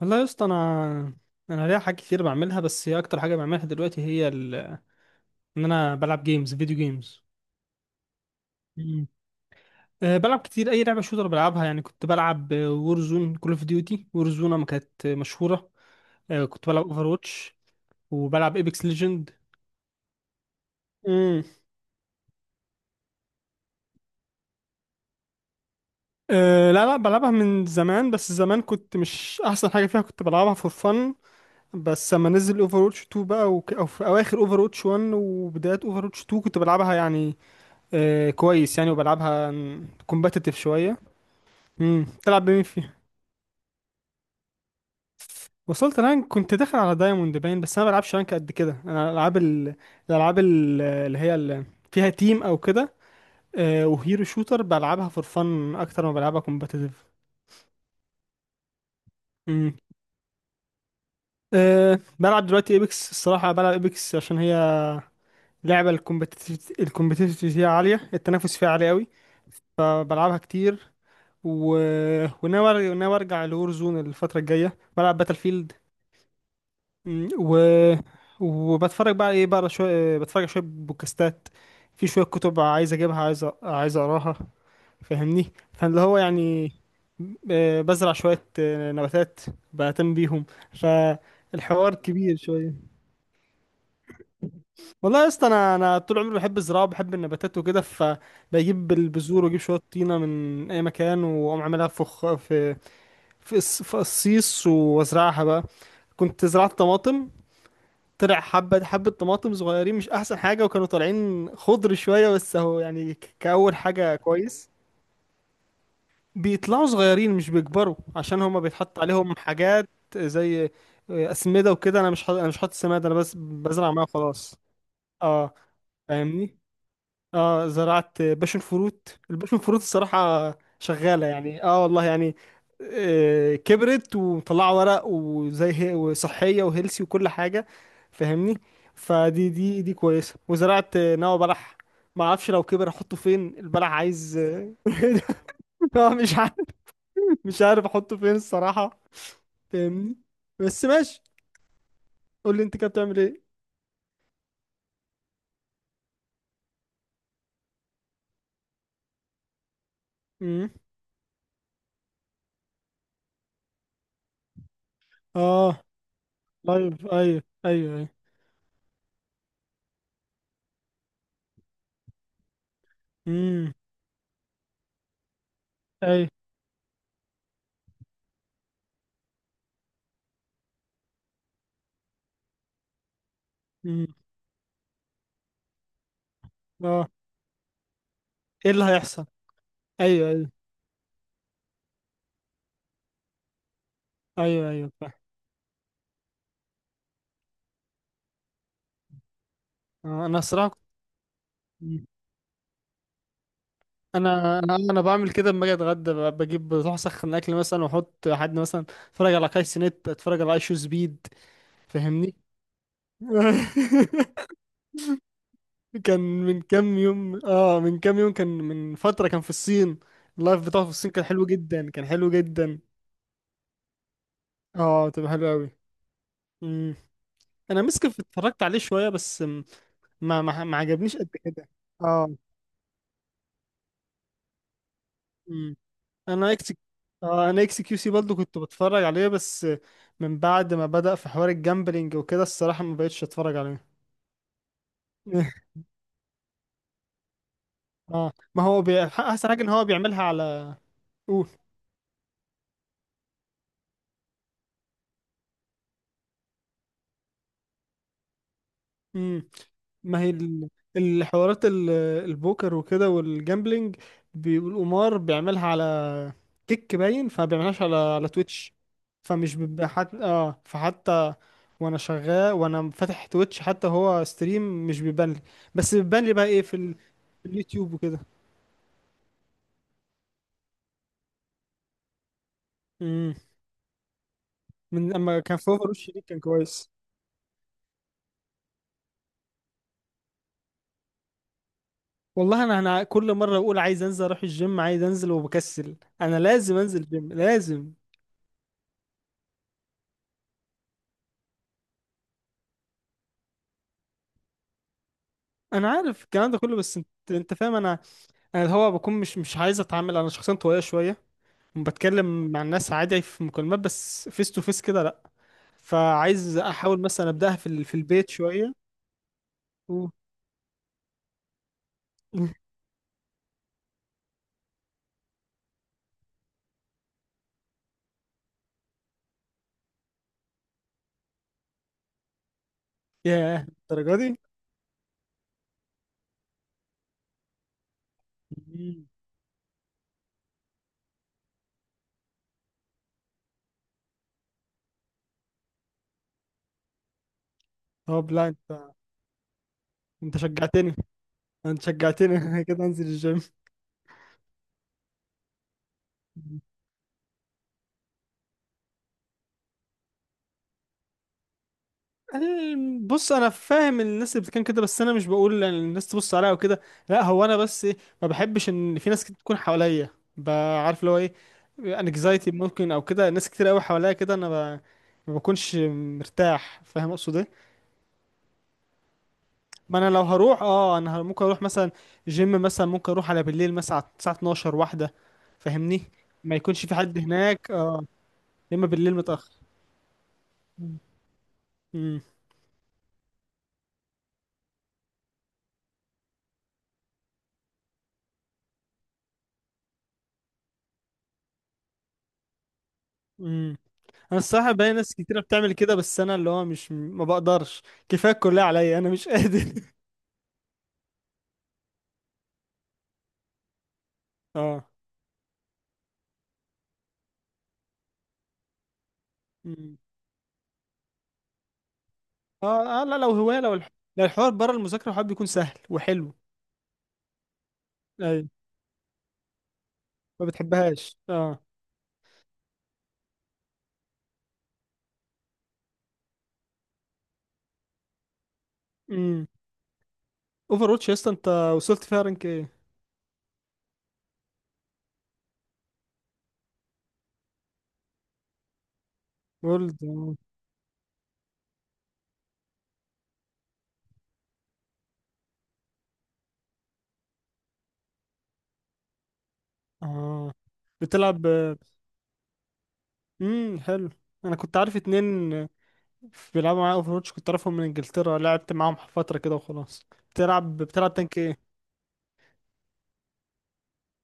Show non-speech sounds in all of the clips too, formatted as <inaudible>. والله يا اسطى انا ليا حاجات كتير بعملها، بس هي اكتر حاجه بعملها دلوقتي هي ان انا بلعب جيمز فيديو جيمز. مم. بلعب كتير اي لعبه شوتر بلعبها يعني. كنت بلعب وورزون كول اوف ديوتي وورزون ما كانت مشهوره. كنت بلعب اوفر واتش وبلعب ايبكس ليجند. امم أه لا لا، بلعبها من زمان. بس زمان كنت مش احسن حاجه فيها، كنت بلعبها فور فن. بس لما نزل اوفر واتش 2 بقى او في اواخر اوفر واتش 1 وبدايات اوفر واتش 2 كنت بلعبها يعني. كويس يعني، وبلعبها كومباتيتيف شويه. تلعب بمين فيها؟ وصلت رانك كنت داخل على دايموند باين، بس انا ما بلعبش رانك قد كده. انا العاب الالعاب اللي فيها تيم او كده. وهيرو شوتر بلعبها فور فن اكتر ما بلعبها كومباتيتيف. امم بلعب دلوقتي ايبكس الصراحه. بلعب ايبكس عشان هي لعبه الكومبتيتيف فيها عاليه، التنافس فيها عالي قوي. بلعبها كتير و... وناوي ارجع لور زون الفتره الجايه. بلعب باتل فيلد. مم، و... وبتفرج بقى ايه بقى شويه، بتفرج على شويه بودكاستات. في شويه كتب عايز اجيبها، عايز اقراها. فاهمني؟ فاللي هو يعني، بزرع شويه نباتات، بهتم بيهم. فالحوار كبير شويه. والله يا اسطى انا طول عمري بحب الزراعه وبحب النباتات وكده، فبجيب البذور واجيب شويه طينه من اي مكان واقوم عاملها في خ- في في الص- في قصيص وازرعها بقى. كنت زرعت طماطم، طلع حبة حبة طماطم صغيرين مش أحسن حاجة، وكانوا طالعين خضر شوية. بس أهو يعني، كأول حاجة كويس. بيطلعوا صغيرين مش بيكبروا عشان هما بيتحط عليهم حاجات زي أسمدة وكده. أنا مش حاطط سماد، أنا بس بزرع معاه وخلاص. أه فاهمني؟ اه زرعت باشن فروت. الباشن فروت الصراحة شغالة يعني، اه والله يعني، كبرت ومطلعة ورق وزي هي وصحية وهيلسي وكل حاجة. فاهمني؟ فدي دي دي كويسة. وزرعت نوى بلح. ما اعرفش لو كبر احطه فين البلح، عايز <laughs> آه، مش عارف مش عارف احطه فين الصراحة. فاهمني؟ بس ماشي. قول لي انت كده بتعمل ايه؟ امم اه، لايف. ايوه ايوه ايوه. امم ايوه. امم اه. ايه اللي هيحصل؟ ايوه ايوه ايوه ايوه، فاهم. آه، انا صراحه كنت- مم. انا بعمل كده لما اجي اتغدى. ب- بجيب بروح اسخن اكل مثلا واحط حد مثلا، اتفرج على كايس نت، اتفرج على ايشو سبيد. فاهمني؟ <laughs> كان من كام يوم، كان من فتره، كان في الصين. اللايف بتاعه في الصين كان حلو جدا، كان حلو جدا. اه، تبقى حلو قوي. مم. انا مسك اتفرجت عليه شويه بس ما عجبنيش قد كده. اه انا اكس اه انا اكس كيو سي برضه كنت بتفرج عليه، بس من بعد ما بدأ في حوار الجامبلينج وكده الصراحة ما بقتش اتفرج عليه. <laughs> اه، ما هو احسن حاجة ان هو بيعملها على. قول. امم ما هي الحوارات البوكر وكده والجامبلينج، والقمار بيعملها على كيك باين. فما بيعملهاش على تويتش. فمش بيبقى حت... اه فحتى وانا شغال وانا فاتح تويتش حتى هو ستريم مش بيبان لي. بس بيبان لي بقى ايه في اليوتيوب وكده. امم من اما كان في اوفر وش ليك كان كويس. والله انا كل مره بقول عايز انزل اروح الجيم، عايز انزل وبكسل. انا لازم انزل الجيم لازم. انا عارف الكلام ده كله بس انت فاهم. انا الهوا بكون مش عايز اتعامل. انا شخصيا طويله شويه، بتكلم مع الناس عادي في مكالمات بس فيس تو فيس كده لا. فعايز احاول مثلا ابداها في البيت شويه و... <laughs> ياه، الدرجه دي. مم. طب لا، انت شجعتني. انت شجعتني <laughs> كده انزل الجيم. بص، انا فاهم الناس اللي بتتكلم كده، بس انا مش بقول ان الناس تبص عليا وكده. لا، هو انا بس ما بحبش ان في ناس كتير تكون حواليا. ب- عارف اللي هو ايه؟ انكزايتي ممكن او كده. ناس كتير قوي حواليا كده انا ب... ما بكونش مرتاح. فاهم اقصد ايه؟ ما انا لو هروح، انا ممكن اروح مثلا جيم مثلا. ممكن اروح على بالليل مثلا على الساعه 12 واحده، فاهمني؟ ما يكونش في حد هناك. اه، يا اما بالليل متاخر. امم انا الصراحه باقي ناس كتيره بتعمل كده، بس انا اللي هو مش ما بقدرش. كفايه الكليه عليا، انا مش قادر. <laughs> اه. أمم. اه اه، لا، لو هوايه، لو الحوار بره المذاكره الحوار بيكون سهل وحلو. ايوه، ما بتحبهاش اه. امم اوفر واتش يا اسطى انت وصلت فيها رانك ايه؟ جولد. اه، بتلعب. حلو. انا كنت عارف اتنين بيلعبوا معايا اوفر واتش، كنت اعرفهم من انجلترا لعبت معاهم فتره كده وخلاص. بتلعب تانك ايه؟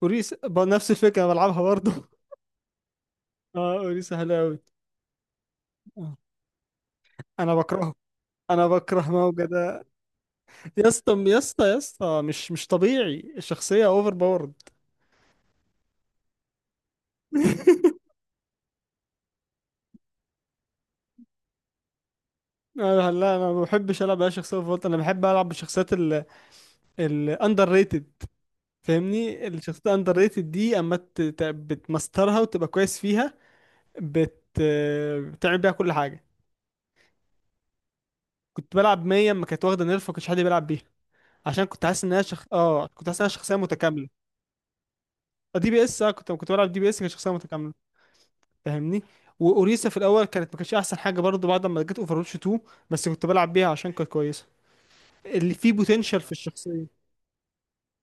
كوريس، نفس الفكره أنا بلعبها برضه. اه، اوري سهل قوي. انا بكرهه انا بكره موجة ده. يا اسطى يا اسطى يا اسطى، مش طبيعي الشخصية اوفر باورد. <laughs> لا لا، انا ما بحبش العب اي شخصيه فولت. انا بحب العب بالشخصيات الاندر ريتد. فاهمني؟ الشخصيات الاندر ريتد دي اما بتمسترها وتبقى كويس فيها، بت بتعمل بيها كل حاجه. كنت بلعب 100 اما كانت واخده نيرف، ما كانش حد بيلعب بيها، عشان كنت حاسس انها شخ... اه كنت حاسس انها شخصيه متكامله. دي بي اس. اه كنت بلعب دي بي اس كانت شخصيه متكامله. فاهمني؟ واوريسا في الاول كانت ما كانتش احسن حاجه برضه بعد ما جت اوفروتش 2، بس كنت بلعب بيها عشان كانت كويسه اللي فيه بوتنشال في الشخصيه.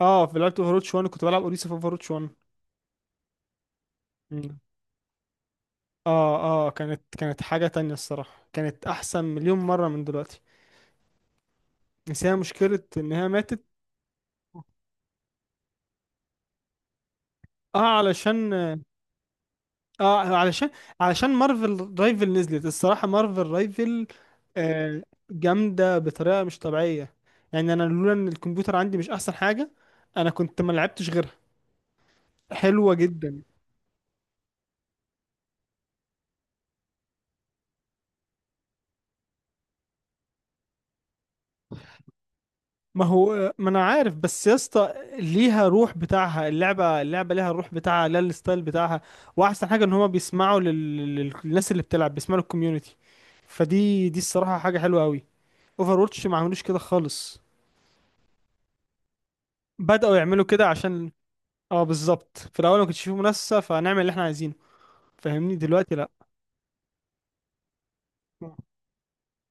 اه في لعبه اوفروتش 1 كنت بلعب اوريسا في اوفروتش 1. مم. اه اه، كانت حاجه تانية الصراحه. كانت احسن مليون مره من دلوقتي. بس هي مشكله ان هي ماتت. اه علشان اه علشان علشان مارفل رايفل نزلت الصراحة. مارفل رايفل آه جامدة بطريقة مش طبيعية. يعني انا لولا ان الكمبيوتر عندي مش احسن حاجة، انا كنت ما لعبتش غيرها. حلوة جدا. ما هو ما انا عارف، بس يا اسطى ليها روح بتاعها. اللعبة، اللعبة ليها الروح بتاعها، ليها الستايل بتاعها. واحسن حاجة ان هما بيسمعوا للناس اللي بتلعب، بيسمعوا للكوميونتي. فدي الصراحة حاجة حلوة قوي. اوفر واتش ما عملوش كده خالص. بدأوا يعملوا كده عشان، اه بالظبط، في الاول ما كنتش فيه منافسه فنعمل اللي احنا عايزينه. فاهمني؟ دلوقتي لا.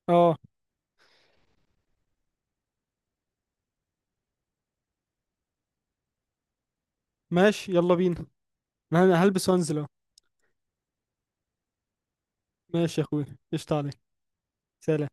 اه، ماشي يلا بينا. انا هلبس وانزل اهو. ماشي يا اخويا، قشطة عليك. سلام.